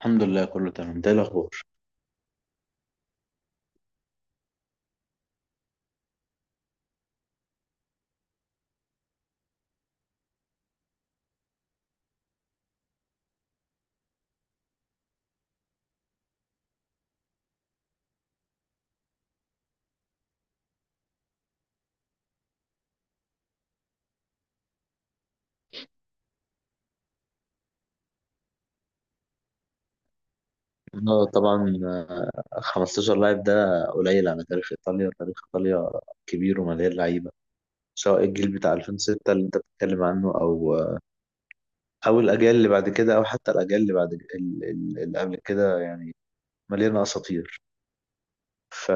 الحمد لله، كله تمام. ده الاخبار. اه، طبعا. 15 لاعب ده قليل على تاريخ ايطاليا. تاريخ ايطاليا كبير ومليان لعيبه، سواء الجيل بتاع 2006 اللي انت بتتكلم عنه، او او الاجيال اللي بعد كده، او حتى الاجيال اللي بعد اللي قبل كده، يعني مليانه اساطير. ف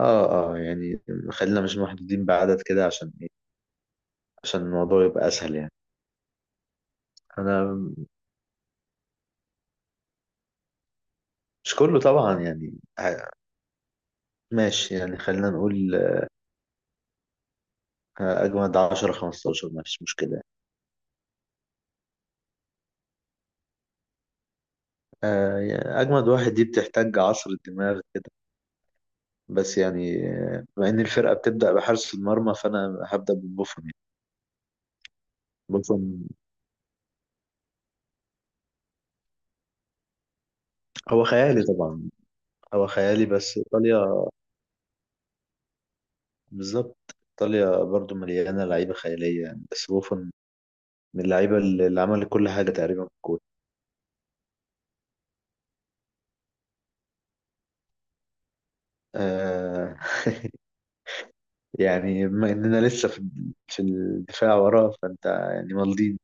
اه اه يعني خلينا مش محدودين بعدد كده، عشان ايه؟ عشان الموضوع يبقى اسهل، يعني. انا مش كله طبعا، يعني. ع- ماشي، يعني خلينا نقول اجمد 10 15، ماشي، مشكله. أجمد واحد دي بتحتاج عصر الدماغ كده، بس يعني بما إن الفرقة بتبدأ بحارس المرمى، فأنا هبدأ ببوفون، يعني. بوفون. هو خيالي طبعا. هو خيالي، بس إيطاليا، بالظبط، إيطاليا برضو مليانة لعيبة خيالية، يعني. بس بوفون من اللعيبة اللي عمل كل حاجة تقريبا في الكورة. آه يعني بما إننا لسه في الدفاع وراه، فأنت يعني مالديني.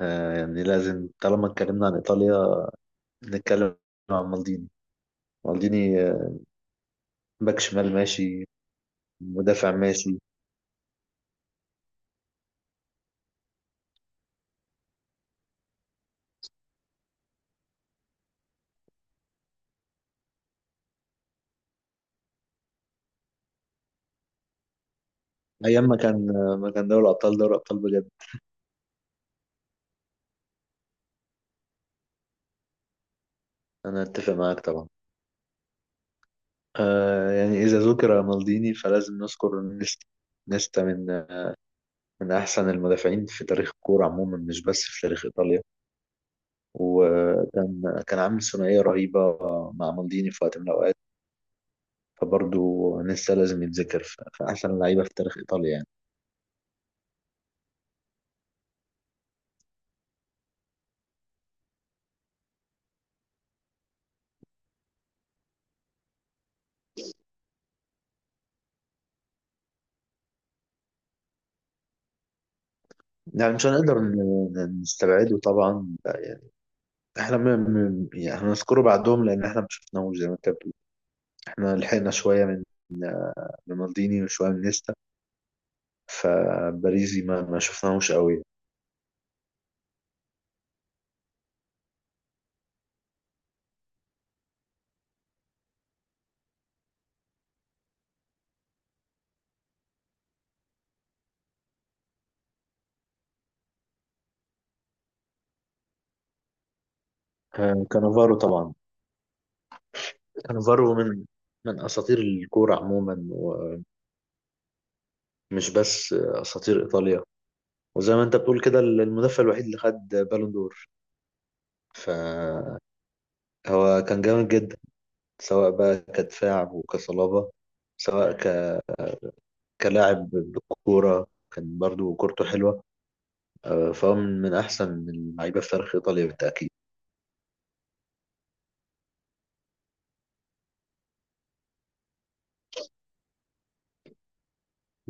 يعني لازم، طالما اتكلمنا عن إيطاليا، نتكلم عن مالديني. مالديني باك شمال، ماشي. مدافع، ماشي. ايام ما كان دوري الابطال دوري ابطال بجد. انا اتفق معاك طبعا. يعني اذا ذكر مالديني، فلازم نذكر نيستا. نيستا من احسن المدافعين في تاريخ الكوره عموما، مش بس في تاريخ ايطاليا. وكان عامل ثنائيه رهيبه مع مالديني في وقت من الاوقات، فبرضه نيستا لازم يتذكر في احسن اللعيبه في تاريخ ايطاليا، يعني مش هنقدر نستبعده طبعا. احنا يعني هنذكره بعدهم، لان احنا ما شفناهوش زي ما انت بتقول. احنا لحقنا شويه من مالديني وشويه من نيستا، فباريزي ما شفناهوش قوي. كانافارو طبعا. كانافارو من اساطير الكوره عموما، ومش بس اساطير ايطاليا. وزي ما انت بتقول كده، المدافع الوحيد اللي خد بالون دور، فهو كان جامد جدا، سواء بقى كدفاع وكصلابه، سواء كلاعب بالكوره، كان برضو كورته حلوه. فهو من أحسن اللعيبة في تاريخ إيطاليا بالتأكيد.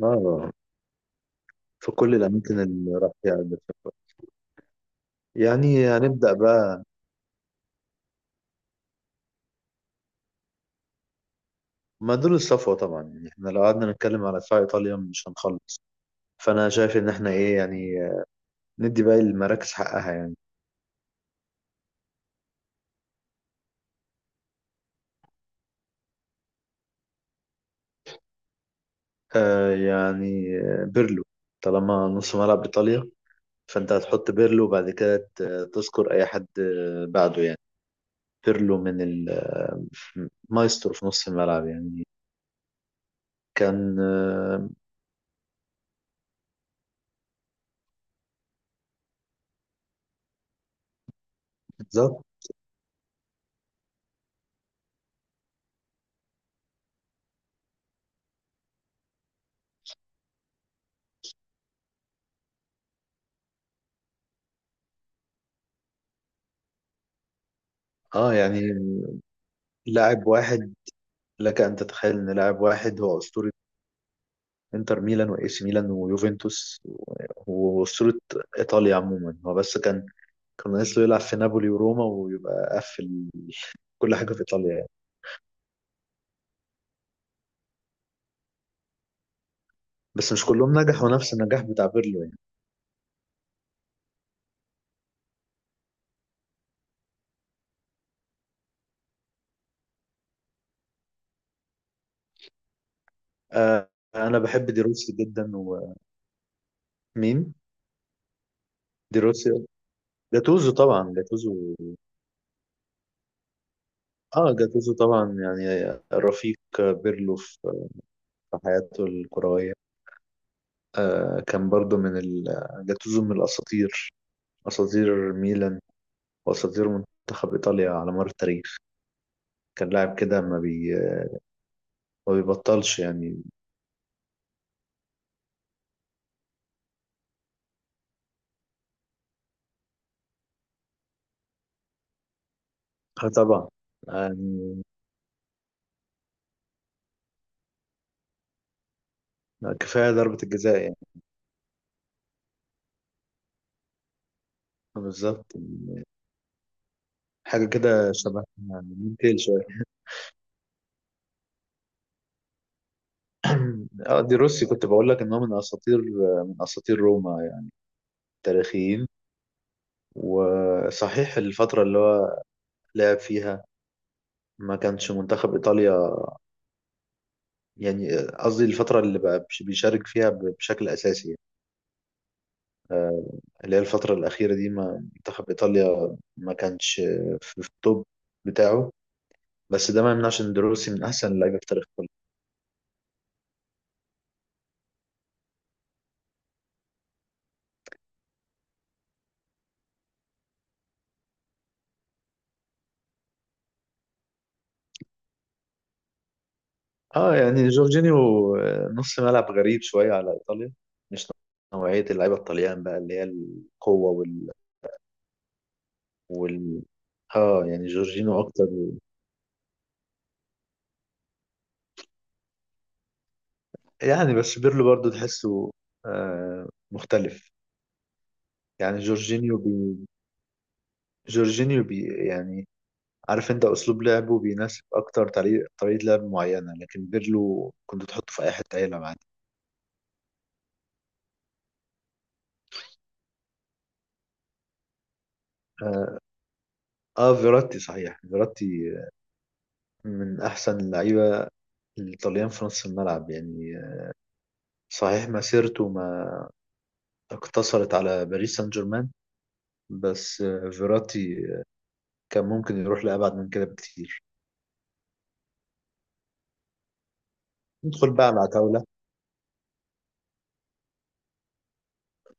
آه في كل الأماكن اللي راح فيها بالفعل. يعني هنبدأ بقى. ما دول الصفوة طبعا، يعني احنا لو قعدنا نتكلم على دفاع إيطاليا مش هنخلص. فأنا شايف إن احنا إيه؟ يعني ندي باقي المراكز حقها، يعني. بيرلو. طالما نص ملعب إيطاليا، فأنت هتحط بيرلو بعد كده، تذكر أي حد بعده، يعني. بيرلو من المايسترو في نص الملعب، يعني. كان بالظبط. اه يعني، لاعب واحد، لك ان تتخيل ان لاعب واحد هو اسطوره انتر ميلان واي سي ميلان ويوفنتوس واسطوره ايطاليا عموما. هو بس كان ناقص له يلعب في نابولي وروما ويبقى قفل كل حاجه في ايطاليا، يعني. بس مش كلهم نجحوا نفس النجاح بتاع بيرلو، يعني. آه انا بحب دي روسي جدا. ومين؟ دي روسي. جاتوزو طبعا. جاتوزو، اه جاتوزو طبعا، يعني رفيق بيرلو في في حياته الكرويه. كان برضو جاتوزو من الأساطير، أساطير ميلان، وأساطير منتخب إيطاليا على مر التاريخ. كان لاعب كده ما بيبطلش، يعني. اه طبعا. آه، يعني كفاية ضربة الجزاء، يعني. بالظبط. حاجة كده شبه، ممكن شوية. اه دي روسي كنت بقول لك إن هو من أساطير، من أساطير روما، يعني تاريخيين. وصحيح الفترة اللي هو لعب فيها ما كانش منتخب إيطاليا، يعني قصدي الفترة اللي بقى بيشارك فيها بشكل أساسي، يعني. آه، اللي هي الفترة الأخيرة دي، ما منتخب إيطاليا ما كانش في التوب بتاعه، بس ده ما يمنعش إن دروسي من أحسن اللعيبة في تاريخ إيطاليا. اه يعني جورجينيو. نص ملعب غريب شوية على إيطاليا، مش نوعية اللعيبة الطليان بقى، اللي هي القوة وال, وال... اه يعني جورجينيو أكتر. يعني بس بيرلو برضو تحسه مختلف. يعني جورجينيو بي، يعني عارف انت اسلوب لعبه بيناسب اكتر طريقه لعب معينه، لكن بيرلو كنت تحطه في اي حته يلعب عادي. اه فيراتي. صحيح، فيراتي من احسن اللعيبه الايطاليان في نص الملعب، يعني. صحيح مسيرته ما اقتصرت على باريس سان جيرمان، بس فيراتي كان ممكن يروح لأبعد من كده بكتير. ندخل بقى على عتاولة.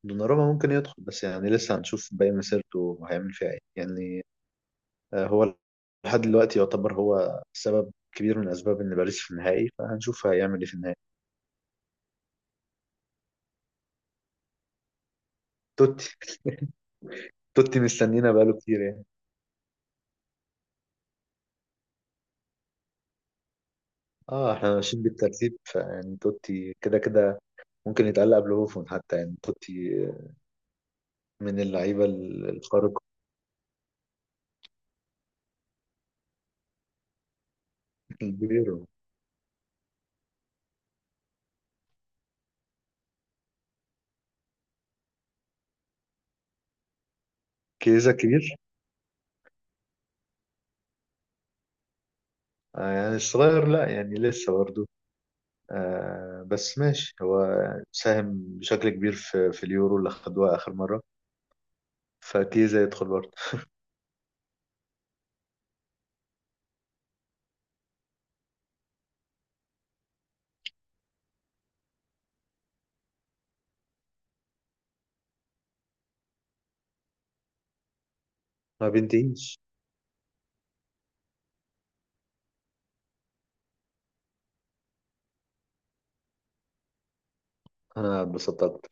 دوناروما ممكن يدخل، بس يعني لسه هنشوف باقي مسيرته هيعمل فيها ايه، يعني. هو لحد دلوقتي يعتبر هو سبب كبير من اسباب ان باريس في النهائي، فهنشوف هيعمل ايه في النهائي. توتي توتي مستنينا بقاله كتير، يعني. اه احنا ماشيين بالترتيب، فيعني توتي كده كده ممكن يتعلق قبل هوفون حتى، يعني توتي من اللعيبه الخارق الكبير. كيزا كبير. يعني الصغير، لا يعني لسه برضه. بس ماشي، هو ساهم بشكل كبير في اليورو اللي خدوها اخر مره، فكيزا يدخل برضه. ما بنتهيش. انا اتبسطت.